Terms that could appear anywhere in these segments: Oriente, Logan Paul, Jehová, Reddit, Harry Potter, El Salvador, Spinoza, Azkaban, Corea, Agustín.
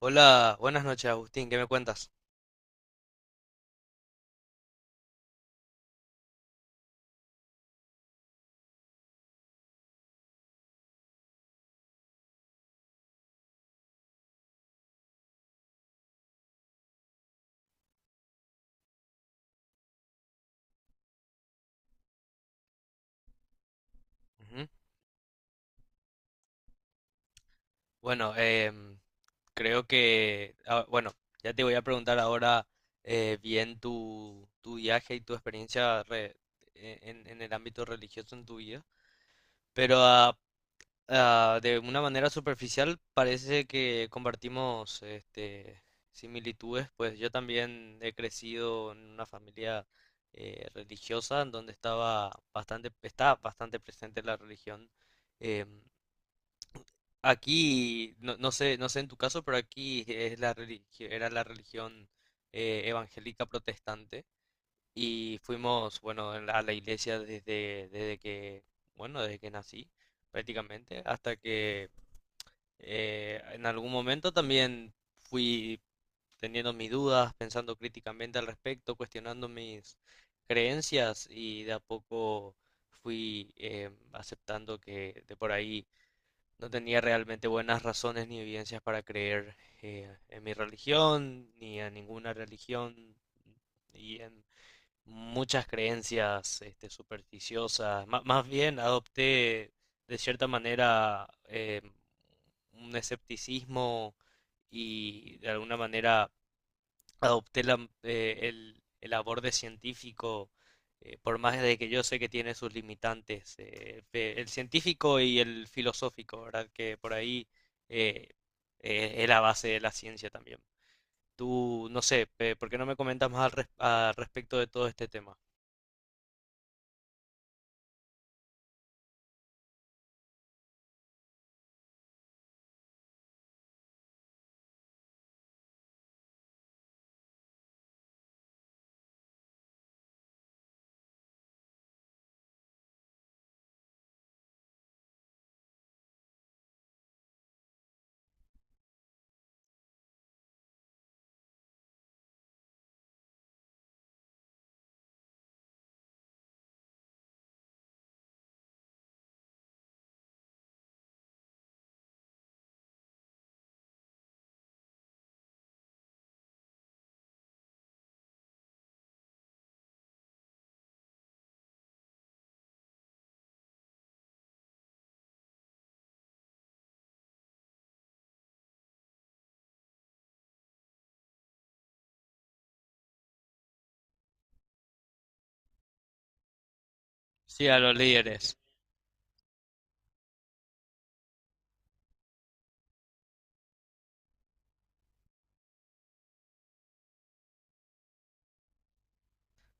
Hola, buenas noches, Agustín, ¿qué me cuentas? Ujú. Bueno, creo que, bueno, ya te voy a preguntar ahora bien tu viaje y tu experiencia en el ámbito religioso en tu vida, pero de una manera superficial parece que compartimos similitudes, pues yo también he crecido en una familia religiosa en donde está bastante presente la religión. em, Aquí, no, no sé, no sé en tu caso, pero aquí era la religión evangélica protestante y fuimos, bueno, a la iglesia desde que, bueno, desde que nací prácticamente, hasta que en algún momento también fui teniendo mis dudas, pensando críticamente al respecto, cuestionando mis creencias y de a poco fui aceptando que de por ahí no tenía realmente buenas razones ni evidencias para creer en mi religión, ni a ninguna religión, y en muchas creencias supersticiosas. Más bien adopté de cierta manera un escepticismo y de alguna manera adopté el aborde científico, por más de que yo sé que tiene sus limitantes, el científico y el filosófico, ¿verdad? Que por ahí eh, es la base de la ciencia también. Tú, no sé, ¿por qué no me comentas más al respecto de todo este tema? Sí, a los líderes.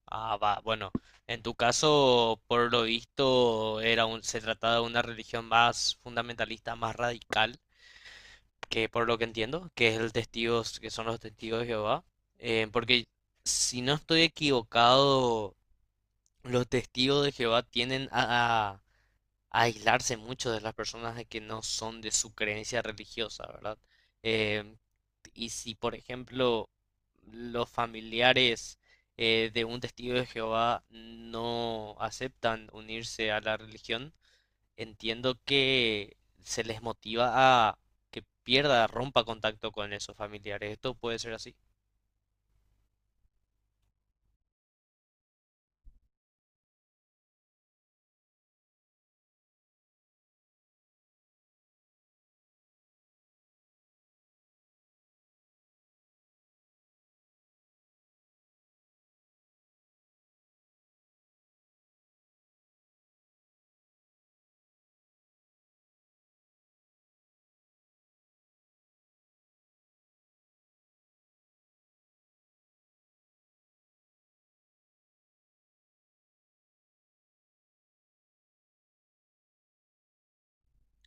Ah, va, bueno, en tu caso, por lo visto, se trataba de una religión más fundamentalista, más radical que por lo que entiendo, que son los testigos de Jehová, porque si no estoy equivocado, los testigos de Jehová tienden a aislarse mucho de las personas de que no son de su creencia religiosa, ¿verdad? Em, y si, por ejemplo, los familiares de un testigo de Jehová no aceptan unirse a la religión, entiendo que se les motiva a que pierda, rompa contacto con esos familiares. Esto puede ser así,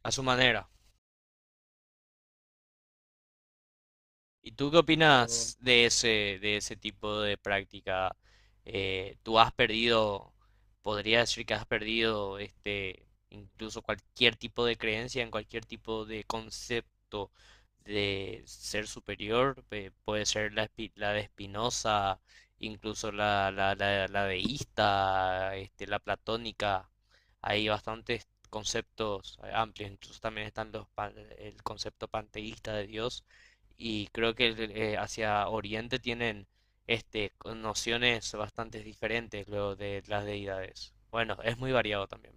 a su manera. ¿Y tú qué opinas de ese tipo de práctica? ¿Tú has perdido, podría decir que has perdido incluso cualquier tipo de creencia en cualquier tipo de concepto de ser superior? Puede ser la de Spinoza, incluso la deísta, la platónica. Hay bastantes conceptos amplios, incluso también están el concepto panteísta de Dios, y creo que hacia Oriente tienen con nociones bastante diferentes luego de las deidades. Bueno, es muy variado también.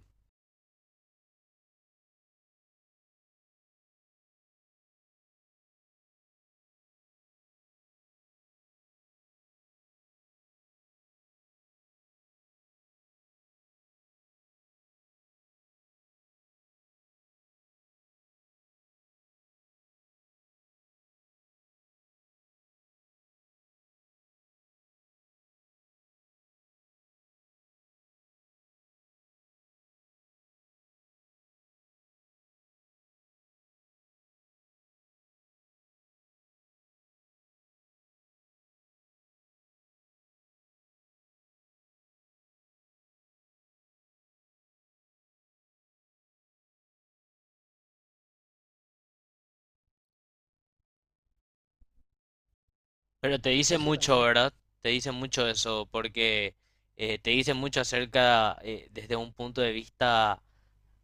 Pero te dice eso mucho, también, ¿verdad? Te dice mucho eso, porque te dice mucho acerca, desde un punto de vista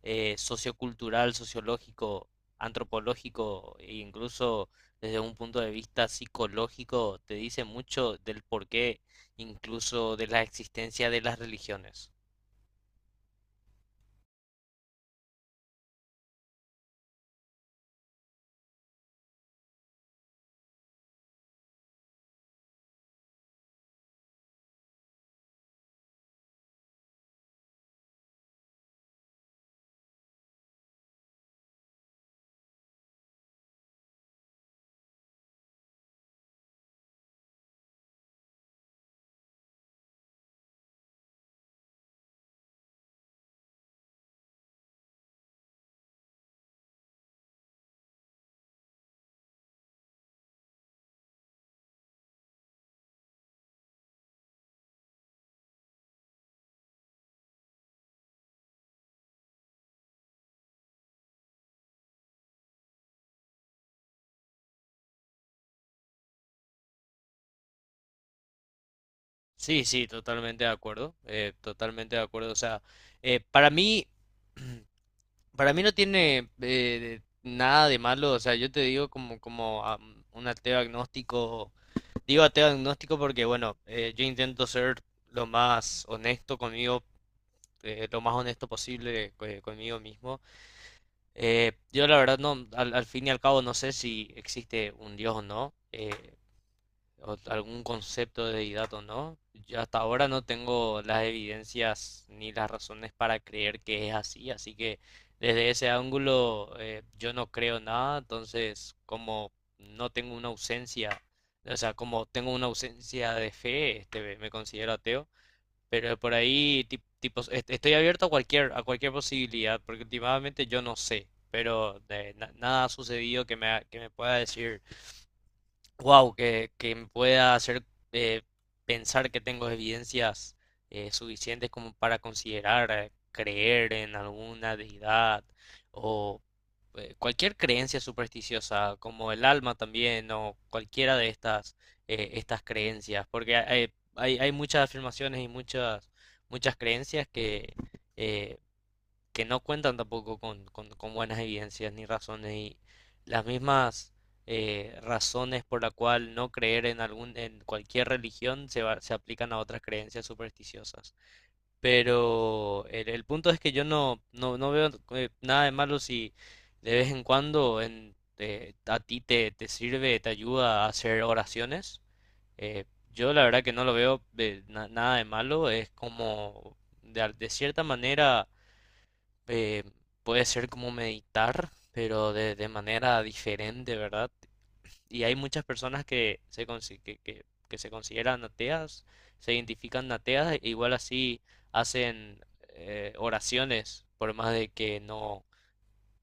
sociocultural, sociológico, antropológico, e incluso desde un punto de vista psicológico, te dice mucho del porqué, incluso de la existencia de las religiones. Sí, sí, totalmente de acuerdo, totalmente de acuerdo. O sea, eh, para mí, para mí no tiene nada de malo. O sea, yo te digo como un ateo agnóstico. Digo ateo agnóstico porque, bueno, yo intento ser lo más honesto conmigo, lo más honesto posible conmigo mismo. Yo la verdad no, al fin y al cabo no sé si existe un Dios o no, o algún concepto de deidad o no. Yo hasta ahora no tengo las evidencias ni las razones para creer que es así, así que desde ese ángulo yo no creo nada, entonces como no tengo una ausencia, o sea, como tengo una ausencia de fe, me considero ateo, pero por ahí tipo, estoy abierto a cualquier posibilidad, porque últimamente yo no sé, pero nada ha sucedido que me, que me pueda decir wow, que me pueda hacer eh, pensar que tengo evidencias suficientes como para considerar creer en alguna deidad o cualquier creencia supersticiosa, como el alma también, o cualquiera de estas, estas creencias, porque hay muchas afirmaciones y muchas creencias eh, que no cuentan tampoco con buenas evidencias ni razones, y las mismas razones por la cual no creer en cualquier religión se aplican a otras creencias supersticiosas. Pero el punto es que yo no veo nada de malo si de vez en cuando a ti te sirve, te ayuda a hacer oraciones. Eh, yo la verdad que no lo veo nada de malo, es como de cierta manera eh, puede ser como meditar, pero de manera diferente, ¿verdad? Y hay muchas personas que se consideran ateas, se identifican ateas, e igual así hacen oraciones, por más de que no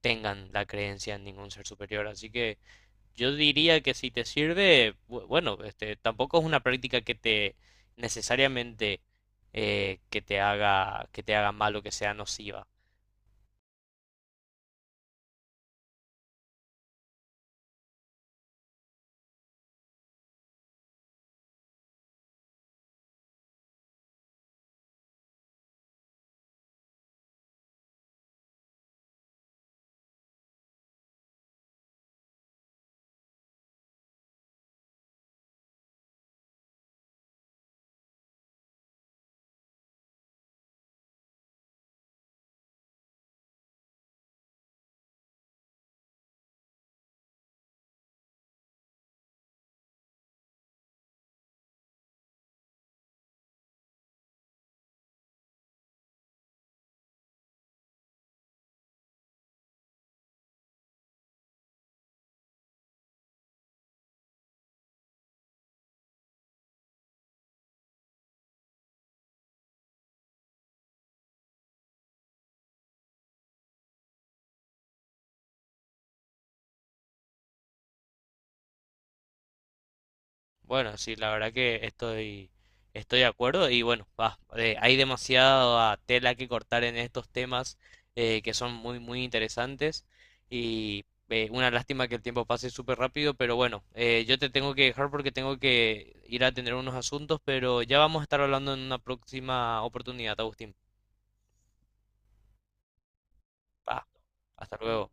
tengan la creencia en ningún ser superior. Así que yo diría que si te sirve, bueno, tampoco es una práctica que te necesariamente que te haga mal o que sea nociva. Bueno, sí, la verdad estoy de acuerdo y bueno, va, hay demasiada tela que cortar en estos temas que son muy, muy interesantes y una lástima que el tiempo pase súper rápido, pero bueno, yo te tengo que dejar porque tengo que ir a atender unos asuntos, pero ya vamos a estar hablando en una próxima oportunidad, Agustín. Va, hasta luego,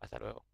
hasta luego.